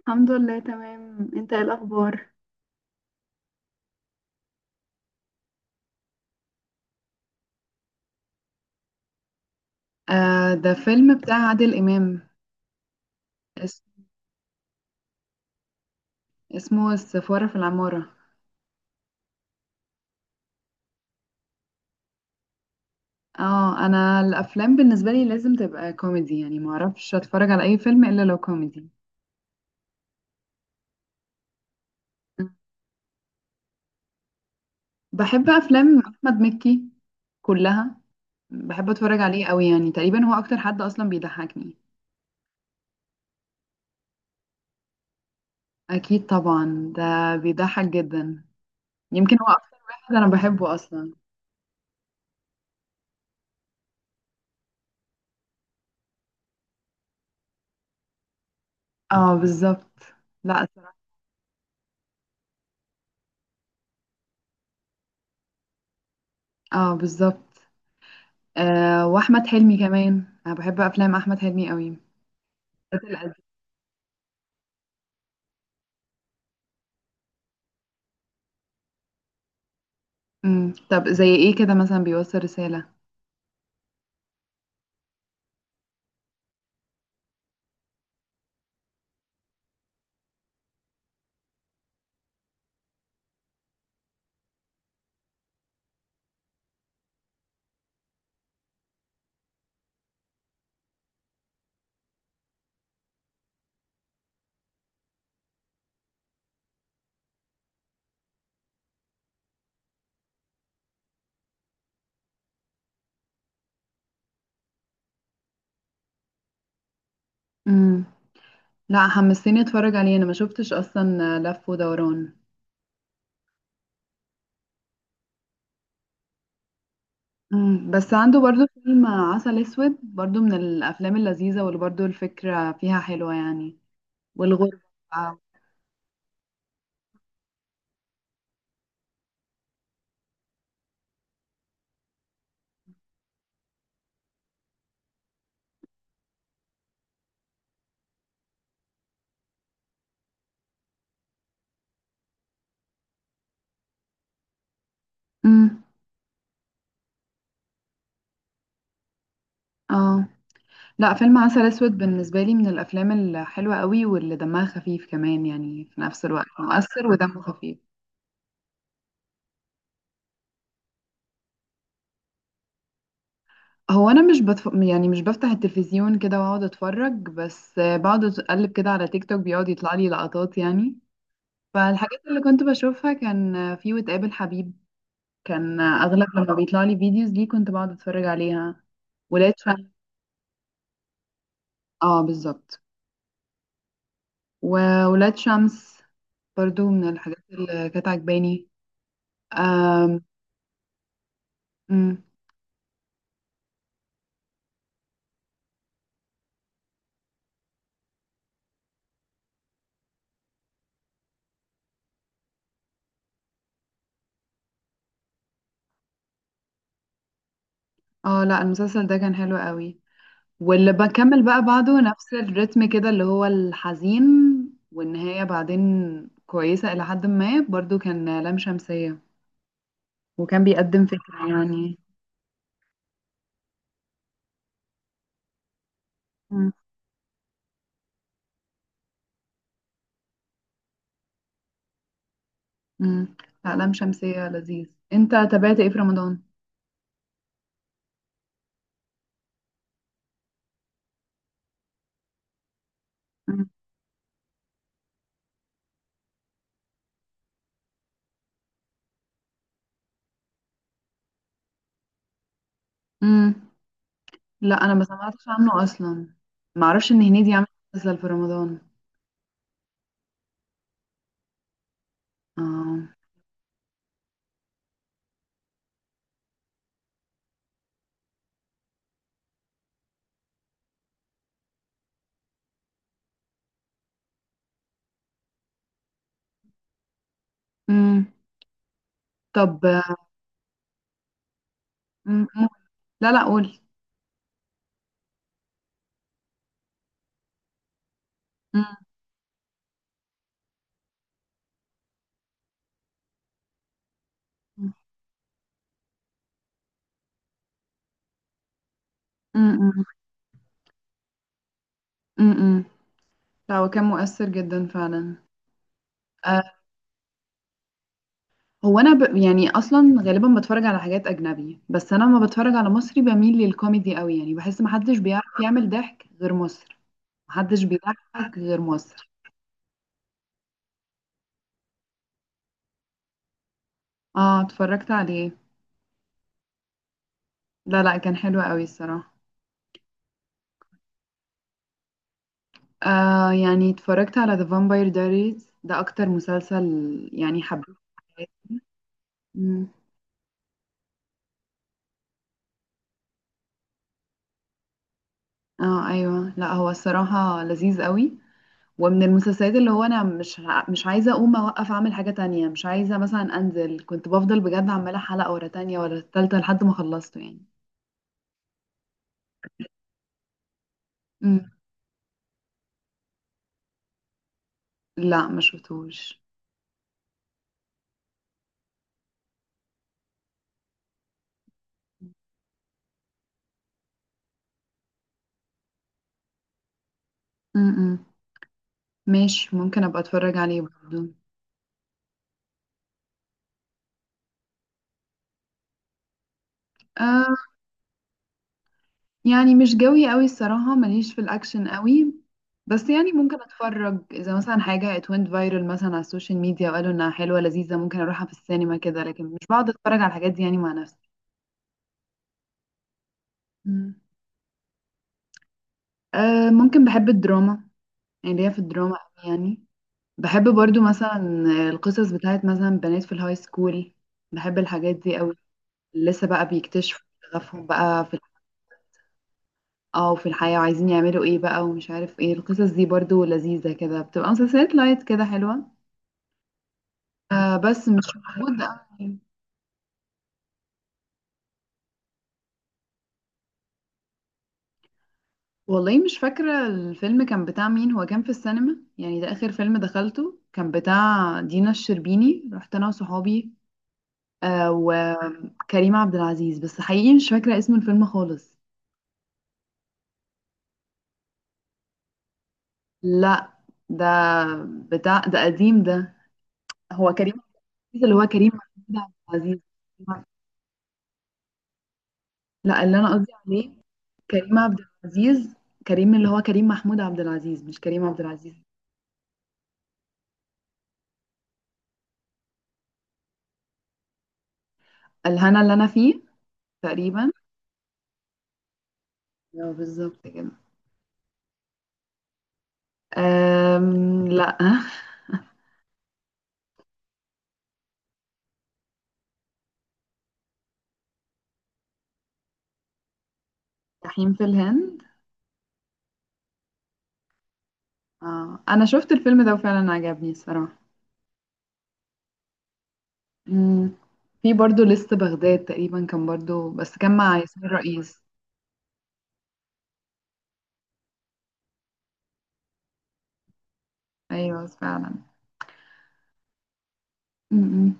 الحمد لله، تمام. انت ايه الاخبار؟ آه، ده فيلم بتاع عادل إمام. اس- اسمه السفارة في العمارة. اه، انا الافلام بالنسبه لي لازم تبقى كوميدي، يعني ما اعرفش اتفرج على اي فيلم الا لو كوميدي. بحب افلام احمد مكي كلها. بحب اتفرج عليه قوي، يعني تقريبا هو اكتر حد اصلا بيضحكني. اكيد طبعا، ده بيضحك جدا. يمكن هو اكتر واحد انا بحبه اصلا. اه، بالظبط. لا، صراحة. اه، بالظبط. أه، واحمد حلمي كمان، انا بحب افلام احمد حلمي قوي، بالذات القديم. طب زي ايه كده مثلا بيوصل رسالة؟ امم لا، حمستني اتفرج عليه. انا ما شفتش اصلا، لف ودوران. بس عنده برضو فيلم عسل اسود، برضو من الافلام اللذيذة، واللي برضو الفكرة فيها حلوة يعني. والغربة. امم اه، لا، فيلم عسل اسود بالنسبة لي من الافلام الحلوة قوي، واللي دمها خفيف كمان، يعني في نفس الوقت مؤثر ودمه خفيف. هو انا مش بتف... يعني مش بفتح التلفزيون كده واقعد اتفرج، بس بقعد اقلب كده على تيك توك، بيقعد يطلع لي لقطات يعني. فالحاجات اللي كنت بشوفها كان في وتقابل حبيب. كان اغلب لما بيطلع لي فيديوز دي كنت بقعد اتفرج عليها. ولاد شمس. اه، بالظبط. وولاد شمس برضو من الحاجات اللي كانت عجباني. آم، أمم. اه، لا، المسلسل ده كان حلو قوي، واللي بكمل بقى بعده نفس الريتم كده اللي هو الحزين، والنهاية بعدين كويسة إلى حد ما. برضو كان لام شمسية، وكان بيقدم فكرة يعني. مم. مم. لا، لام شمسية لذيذ. انت تابعت ايه في رمضان؟ مم. مم. لا، أنا ما سمعتش عنه أصلا. معرفش إن هنيدي عمل مسلسل في رمضان. اه. مم. طب. مم. مم. لا، لا، قول. مم. مم. مم. مم. مم. لا، هو كان مؤثر جدا فعلا. آه، هو انا يعني اصلا غالبا بتفرج على حاجات اجنبي، بس انا لما بتفرج على مصري بميل للكوميدي قوي، يعني بحس محدش بيعرف يعمل ضحك غير مصر. محدش بيضحك غير مصر. اه، اتفرجت عليه. لا، لا، كان حلو قوي الصراحة. آه، يعني اتفرجت على The Vampire Diaries، ده اكتر مسلسل يعني حبيته في حياتي. مم. اه، ايوه، لا، هو الصراحة لذيذ قوي. ومن المسلسلات اللي هو انا مش عايزه اقوم اوقف اعمل حاجه تانية، مش عايزه مثلا انزل، كنت بفضل بجد عماله حلقه ورا تانية ورا تالتة لحد ما خلصته يعني. امم لا، ما شفتوش. امم ماشي، ممكن ابقى اتفرج عليه برضه. آه، يعني مش جوي قوي الصراحه، ماليش في الاكشن قوي. بس يعني ممكن اتفرج اذا مثلا حاجه اتوينت فايرال مثلا على السوشيال ميديا وقالوا انها حلوه لذيذه، ممكن اروحها في السينما كده، لكن مش بقعد اتفرج على الحاجات دي يعني مع نفسي. مم. آه، ممكن. بحب الدراما، يعني ليا في الدراما أوي يعني. بحب برضو مثلا القصص بتاعت مثلا بنات في الهاي سكول. بحب الحاجات دي أوي. لسه بقى بيكتشفوا شغفهم بقى في، اه، وفي الحياة، وعايزين يعملوا ايه بقى ومش عارف ايه. القصص دي برضو لذيذة كده، بتبقى مسلسلات لايت كده حلوة. آه، بس مش موجود أوي. والله مش فاكرة الفيلم كان بتاع مين. هو كان في السينما يعني، ده آخر فيلم دخلته، كان بتاع دينا الشربيني، رحت أنا وصحابي. آه، وكريم عبد العزيز. بس حقيقي مش فاكرة اسم الفيلم خالص. لا، ده بتاع، ده قديم، ده هو كريم عبد العزيز، اللي هو كريم محمود عبد العزيز. لا، اللي انا قصدي عليه كريم عبد العزيز. كريم، اللي هو كريم محمود عبد العزيز، مش كريم عبد العزيز. الهنا اللي انا فيه تقريبا. أيوة، بالظبط كده. لا. جحيم في الهند. آه. انا شفت الفيلم ده وفعلا عجبني الصراحة. مم. في برضو لست بغداد، تقريبا كان برضو، بس كان مع ياسمين رئيس. ايوه، فعلا. مم.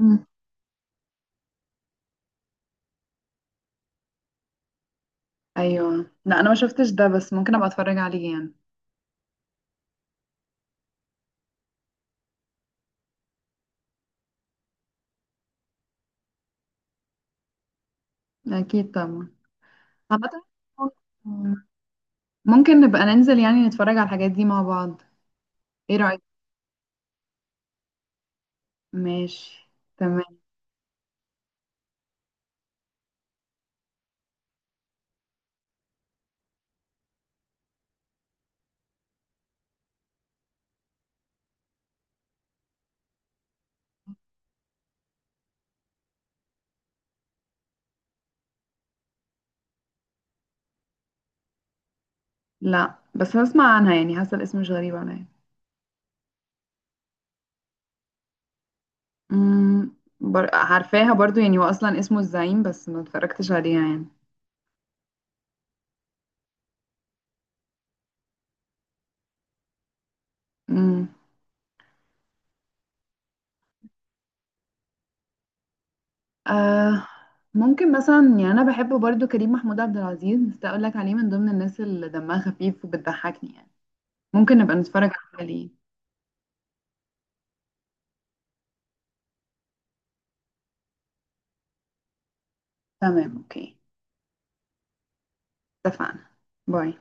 مم. ايوه، لا، انا ما شفتش ده، بس ممكن ابقى اتفرج عليه يعني. اكيد طبعا. عامة، ممكن نبقى ننزل يعني نتفرج على الحاجات دي مع بعض. ايه رأيك؟ ماشي. تمام. لا، بس هسمع عنها يعني، حاسه الاسم مش غريب عليا. عارفاها برضو يعني، هو اصلا اسمه الزعيم، بس ما اتفرجتش عليها يعني. امم. آه، ممكن مثلا يعني، انا بحب برضو كريم محمود عبد العزيز، بس اقول لك عليه من ضمن الناس اللي دمها خفيف وبتضحكني يعني. ممكن نبقى نتفرج عليه. تمام، اوكي. اتفقنا. باي.